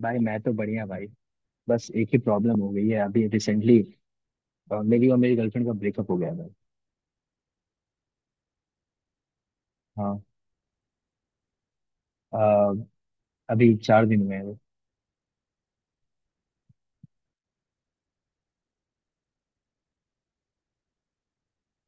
भाई मैं तो बढ़िया भाई। बस एक ही प्रॉब्लम हो गई है अभी रिसेंटली। मेरी और मेरी गर्लफ्रेंड का ब्रेकअप हो गया है भाई। हाँ। अ, अभी 4 दिन हुए हैं।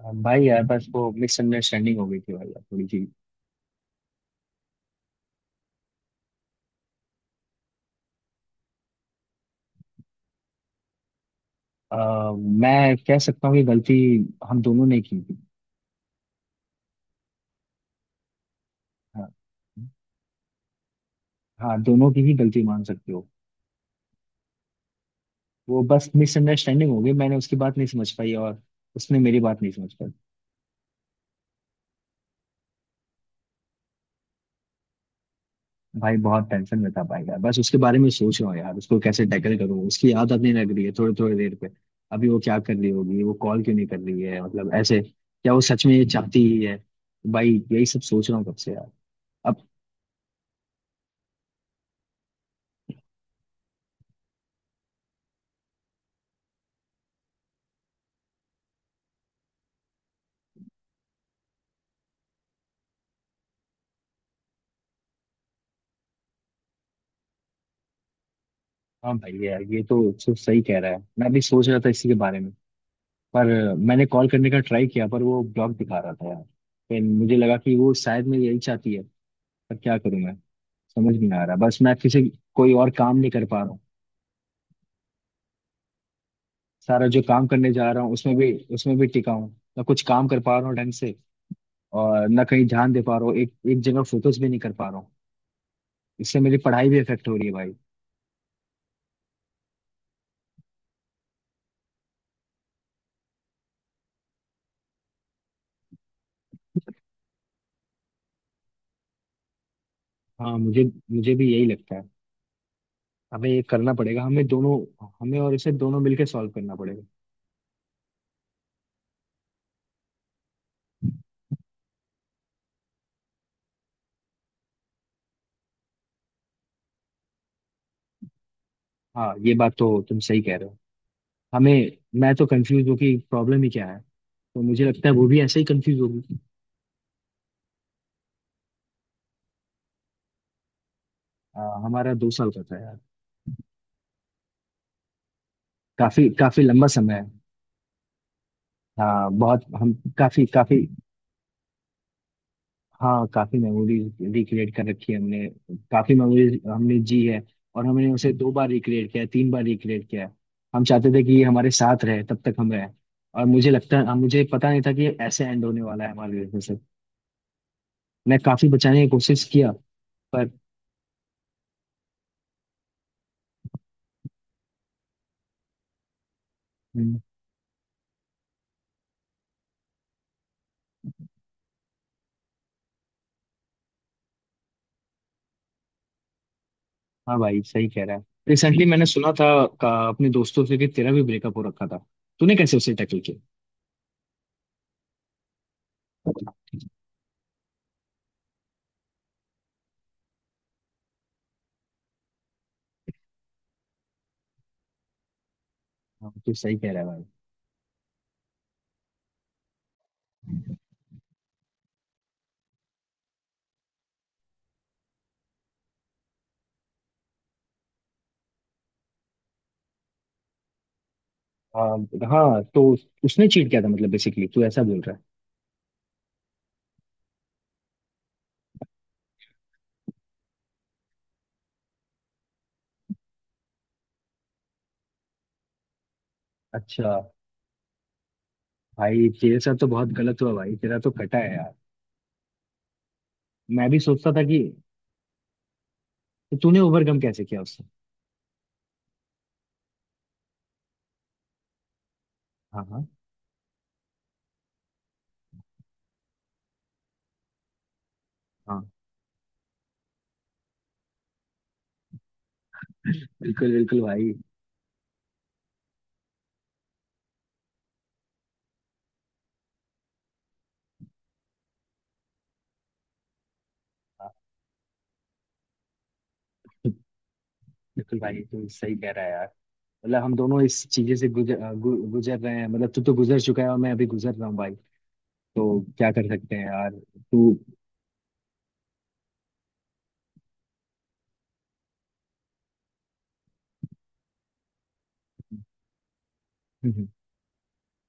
भाई यार बस वो मिसअंडरस्टैंडिंग हो गई थी भाई यार थोड़ी सी। अ, मैं कह सकता हूँ कि गलती हम दोनों ने की थी। हाँ। हाँ, दोनों की ही गलती मान सकते हो। वो बस मिसअंडरस्टैंडिंग हो गई, मैंने उसकी बात नहीं समझ पाई और उसने मेरी बात नहीं समझ पाई। भाई बहुत टेंशन में था भाई यार, बस उसके बारे में सोच रहा हूँ यार, उसको कैसे टैकल करूँ, उसकी आदत नहीं लग रही है थोड़ी थोड़ी देर पे। अभी वो क्या कर रही होगी, वो कॉल क्यों नहीं कर रही है, मतलब ऐसे क्या वो सच में ये चाहती ही है। भाई यही सब सोच रहा हूँ कब से यार। अब। हाँ भाई यार ये तो सब सही कह रहा है, मैं भी सोच रहा था इसी के बारे में। पर मैंने कॉल करने का ट्राई किया पर वो ब्लॉक दिखा रहा था यार। फिर मुझे लगा कि वो शायद मैं यही चाहती है। पर क्या करूँ मैं, समझ नहीं आ रहा। बस मैं किसी कोई और काम नहीं कर पा रहा हूँ। सारा जो काम करने जा रहा हूँ उसमें भी टिका हूँ। ना कुछ काम कर पा रहा हूँ ढंग से और ना कहीं ध्यान दे पा रहा हूँ, एक एक जगह फोकस भी नहीं कर पा रहा हूँ। इससे मेरी पढ़ाई भी इफेक्ट हो रही है भाई। हाँ, मुझे मुझे भी यही लगता है। हमें ये करना पड़ेगा, हमें दोनों। हमें और इसे दोनों मिलकर सॉल्व करना पड़ेगा। हाँ ये बात तो तुम सही कह रहे हो। हमें मैं तो कंफ्यूज हूँ कि प्रॉब्लम ही क्या है, तो मुझे लगता है वो भी ऐसे ही कंफ्यूज होगी। हमारा 2 साल का था यार। काफी काफी लंबा समय है। हाँ बहुत हम। काफी काफी। हाँ काफी मेमोरीज रिक्रिएट कर रखी है हमने। काफी मेमोरीज हमने जी है। और हमने उसे 2 बार रिक्रिएट किया है, 3 बार रिक्रिएट किया है। हम चाहते थे कि ये हमारे साथ रहे तब तक हम रहे। और मुझे लगता है मुझे पता नहीं था कि ये ऐसे एंड होने वाला है हमारे रिलेशनशिप। मैं काफी बचाने की कोशिश किया। पर। हम्म। हाँ भाई सही कह रहा है। रिसेंटली मैंने सुना था अपने दोस्तों से कि तेरा भी ब्रेकअप हो रखा था, तूने कैसे उसे टैकल किया। हाँ तू सही कह रहा है भाई। हाँ, हाँ, तो उसने चीट किया था मतलब बेसिकली तू ऐसा बोल रहा है। अच्छा। भाई तेरे साथ तो बहुत गलत हुआ भाई, तेरा तो कटा है यार। मैं भी सोचता था कि। तो तूने ओवरकम कैसे किया उससे। हाँ। हाँ, हाँ, बिल्कुल, बिल्कुल भाई। हाँ, बिल्कुल भाई तू सही कह रहा है यार। मतलब हम दोनों इस चीजें से गुजर गुजर रहे हैं, मतलब तू तो गुजर चुका है और मैं अभी गुजर रहा हूँ भाई। तो क्या कर सकते हैं यार तू। हम्म। हम्म।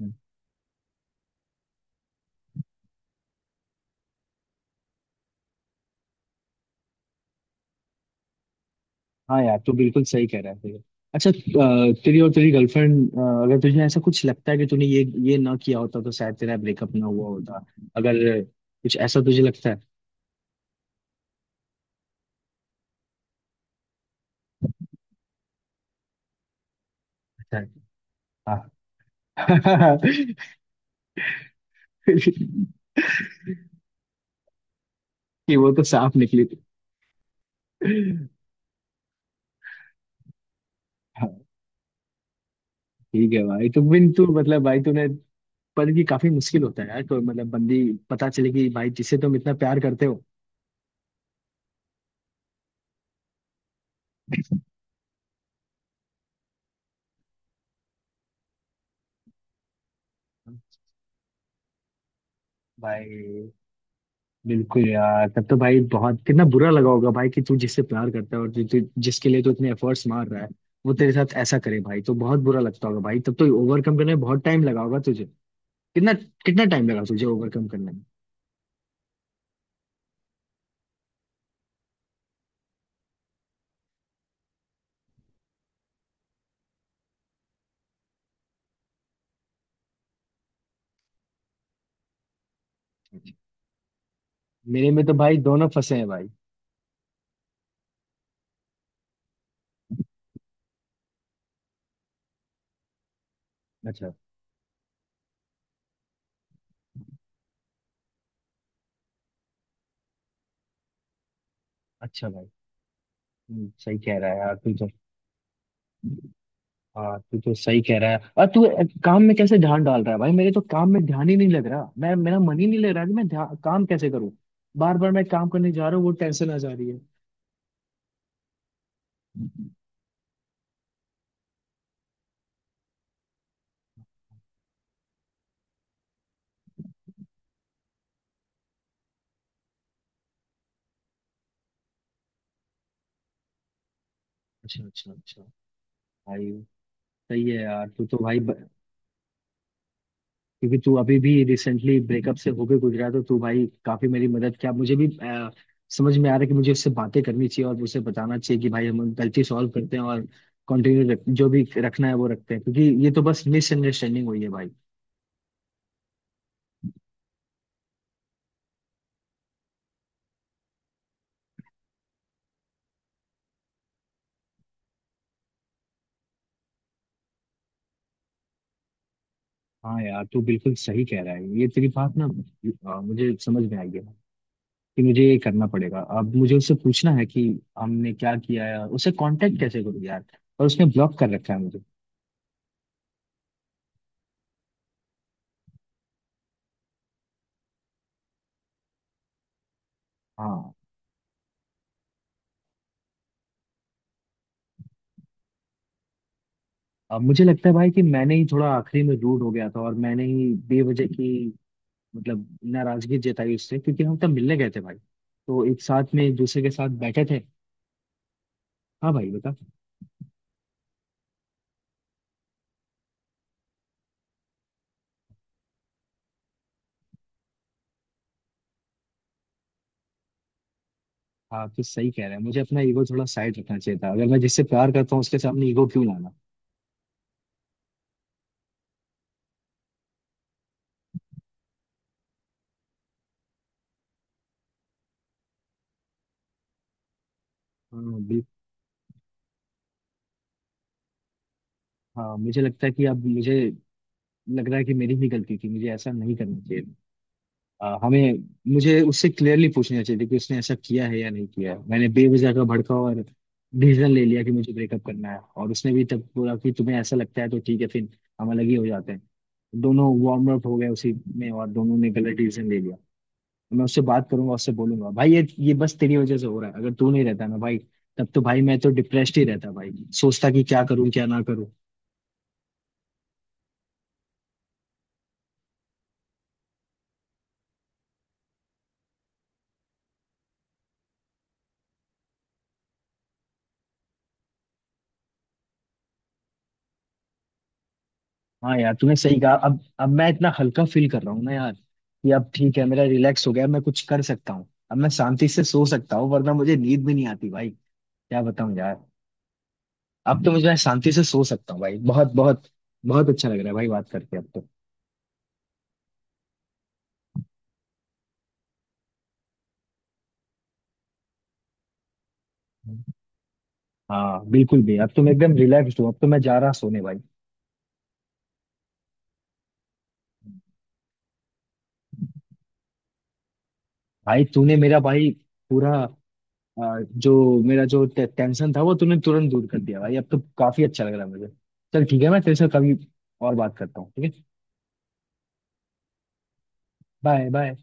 हम्म। हाँ यार तू बिल्कुल सही कह रहा है तेरे। अच्छा। तेरी और तेरी गर्लफ्रेंड अगर तुझे ऐसा कुछ लगता है कि तूने ये ना किया होता तो शायद तेरा ब्रेकअप ना हुआ होता, अगर कुछ ऐसा तुझे लगता है। हाँ। कि वो तो साफ निकली थी। हाँ, ठीक है भाई। तो बिन तू मतलब भाई तूने। पर ये काफी मुश्किल होता है यार। तो मतलब बंदी पता चले कि भाई जिसे तुम इतना प्यार करते हो। भाई बिल्कुल यार, तब तो भाई बहुत कितना बुरा लगा होगा भाई कि तू जिससे प्यार करता है और जो तू जिसके लिए तू इतने एफर्ट्स मार रहा है वो तेरे साथ ऐसा करे भाई, तो बहुत बुरा लगता होगा भाई। तब तो ओवरकम करने में बहुत टाइम लगा होगा तुझे। कितना कितना टाइम लगा तुझे ओवरकम करने में। मेरे में तो भाई दोनों फंसे हैं भाई। अच्छा, अच्छा भाई। सही कह रहा है यार तू तो। हाँ तू तो सही कह रहा है। और तू काम में कैसे ध्यान डाल रहा है भाई, मेरे तो काम में ध्यान ही नहीं लग रहा, मैं मेरा मन ही नहीं लग रहा कि मैं काम कैसे करूँ। बार बार मैं काम करने जा रहा हूँ वो टेंशन आ जा रही है। अच्छा, अच्छा, अच्छा भाई। सही है यार तू तो भाई। क्योंकि तू अभी भी रिसेंटली ब्रेकअप से होके गुजरा तो तू भाई काफी मेरी मदद किया। मुझे भी समझ में आ रहा है कि मुझे उससे बातें करनी चाहिए और उसे बताना चाहिए कि भाई हम गलती सॉल्व करते हैं और कंटिन्यू जो भी रखना है वो रखते हैं क्योंकि ये तो बस मिसअंडरस्टैंडिंग हुई है भाई। हाँ यार तू बिल्कुल सही कह रहा है ये तेरी बात ना, मुझे समझ में आई है कि मुझे ये करना पड़ेगा। अब मुझे उससे पूछना है कि हमने क्या किया है और उसे कांटेक्ट कैसे करूँ यार, और उसने ब्लॉक कर रखा है मुझे। हाँ। अब मुझे लगता है भाई कि मैंने ही थोड़ा आखिरी में रूड हो गया था और मैंने ही बेवजह की मतलब नाराजगी जताई उससे, क्योंकि हम तब मिलने गए थे भाई, तो एक साथ में एक दूसरे के साथ बैठे थे। हाँ भाई बता। हाँ तो सही कह रहे हैं, मुझे अपना ईगो थोड़ा साइड रखना चाहिए था, अगर मैं जिससे प्यार करता हूँ उसके सामने ईगो क्यों लाना। हाँ बिल्कुल। हाँ मुझे लगता है कि अब मुझे लग रहा है कि मेरी ही गलती थी, मुझे ऐसा नहीं करना चाहिए था। हमें मुझे उससे क्लियरली पूछना चाहिए कि उसने ऐसा किया है या नहीं किया है, मैंने बेवजह का भड़का और डिसीजन ले लिया कि मुझे ब्रेकअप करना है और उसने भी तब बोला कि तुम्हें ऐसा लगता है तो ठीक है, फिर हम अलग ही हो जाते हैं। दोनों वार्म अप हो गए उसी में और दोनों ने गलत डिसीजन ले लिया। मैं उससे बात करूंगा उससे बोलूंगा भाई ये बस तेरी वजह से हो रहा है, अगर तू नहीं रहता ना भाई तब तो भाई मैं तो डिप्रेस्ड ही रहता भाई, सोचता कि क्या करूं क्या ना करूं। हाँ यार तूने सही कहा। अब मैं इतना हल्का फील कर रहा हूँ ना यार कि अब ठीक है, मेरा रिलैक्स हो गया, मैं कुछ कर सकता हूँ, अब मैं शांति से सो सकता हूँ वरना मुझे नींद भी नहीं आती भाई। क्या बताऊँ यार। अब तो मुझे मैं शांति से सो सकता हूँ भाई। बहुत बहुत बहुत अच्छा लग रहा है भाई बात करके अब तो। हाँ बिल्कुल भी अब तो मैं एकदम रिलैक्स हूँ, अब तो मैं जा रहा सोने भाई। भाई तूने मेरा भाई पूरा जो मेरा जो टेंशन था वो तूने तुरंत दूर कर दिया भाई, अब तो काफी अच्छा लग रहा है मुझे। चल ठीक है, मैं तेरे से कभी और बात करता हूँ ठीक है। Bye bye.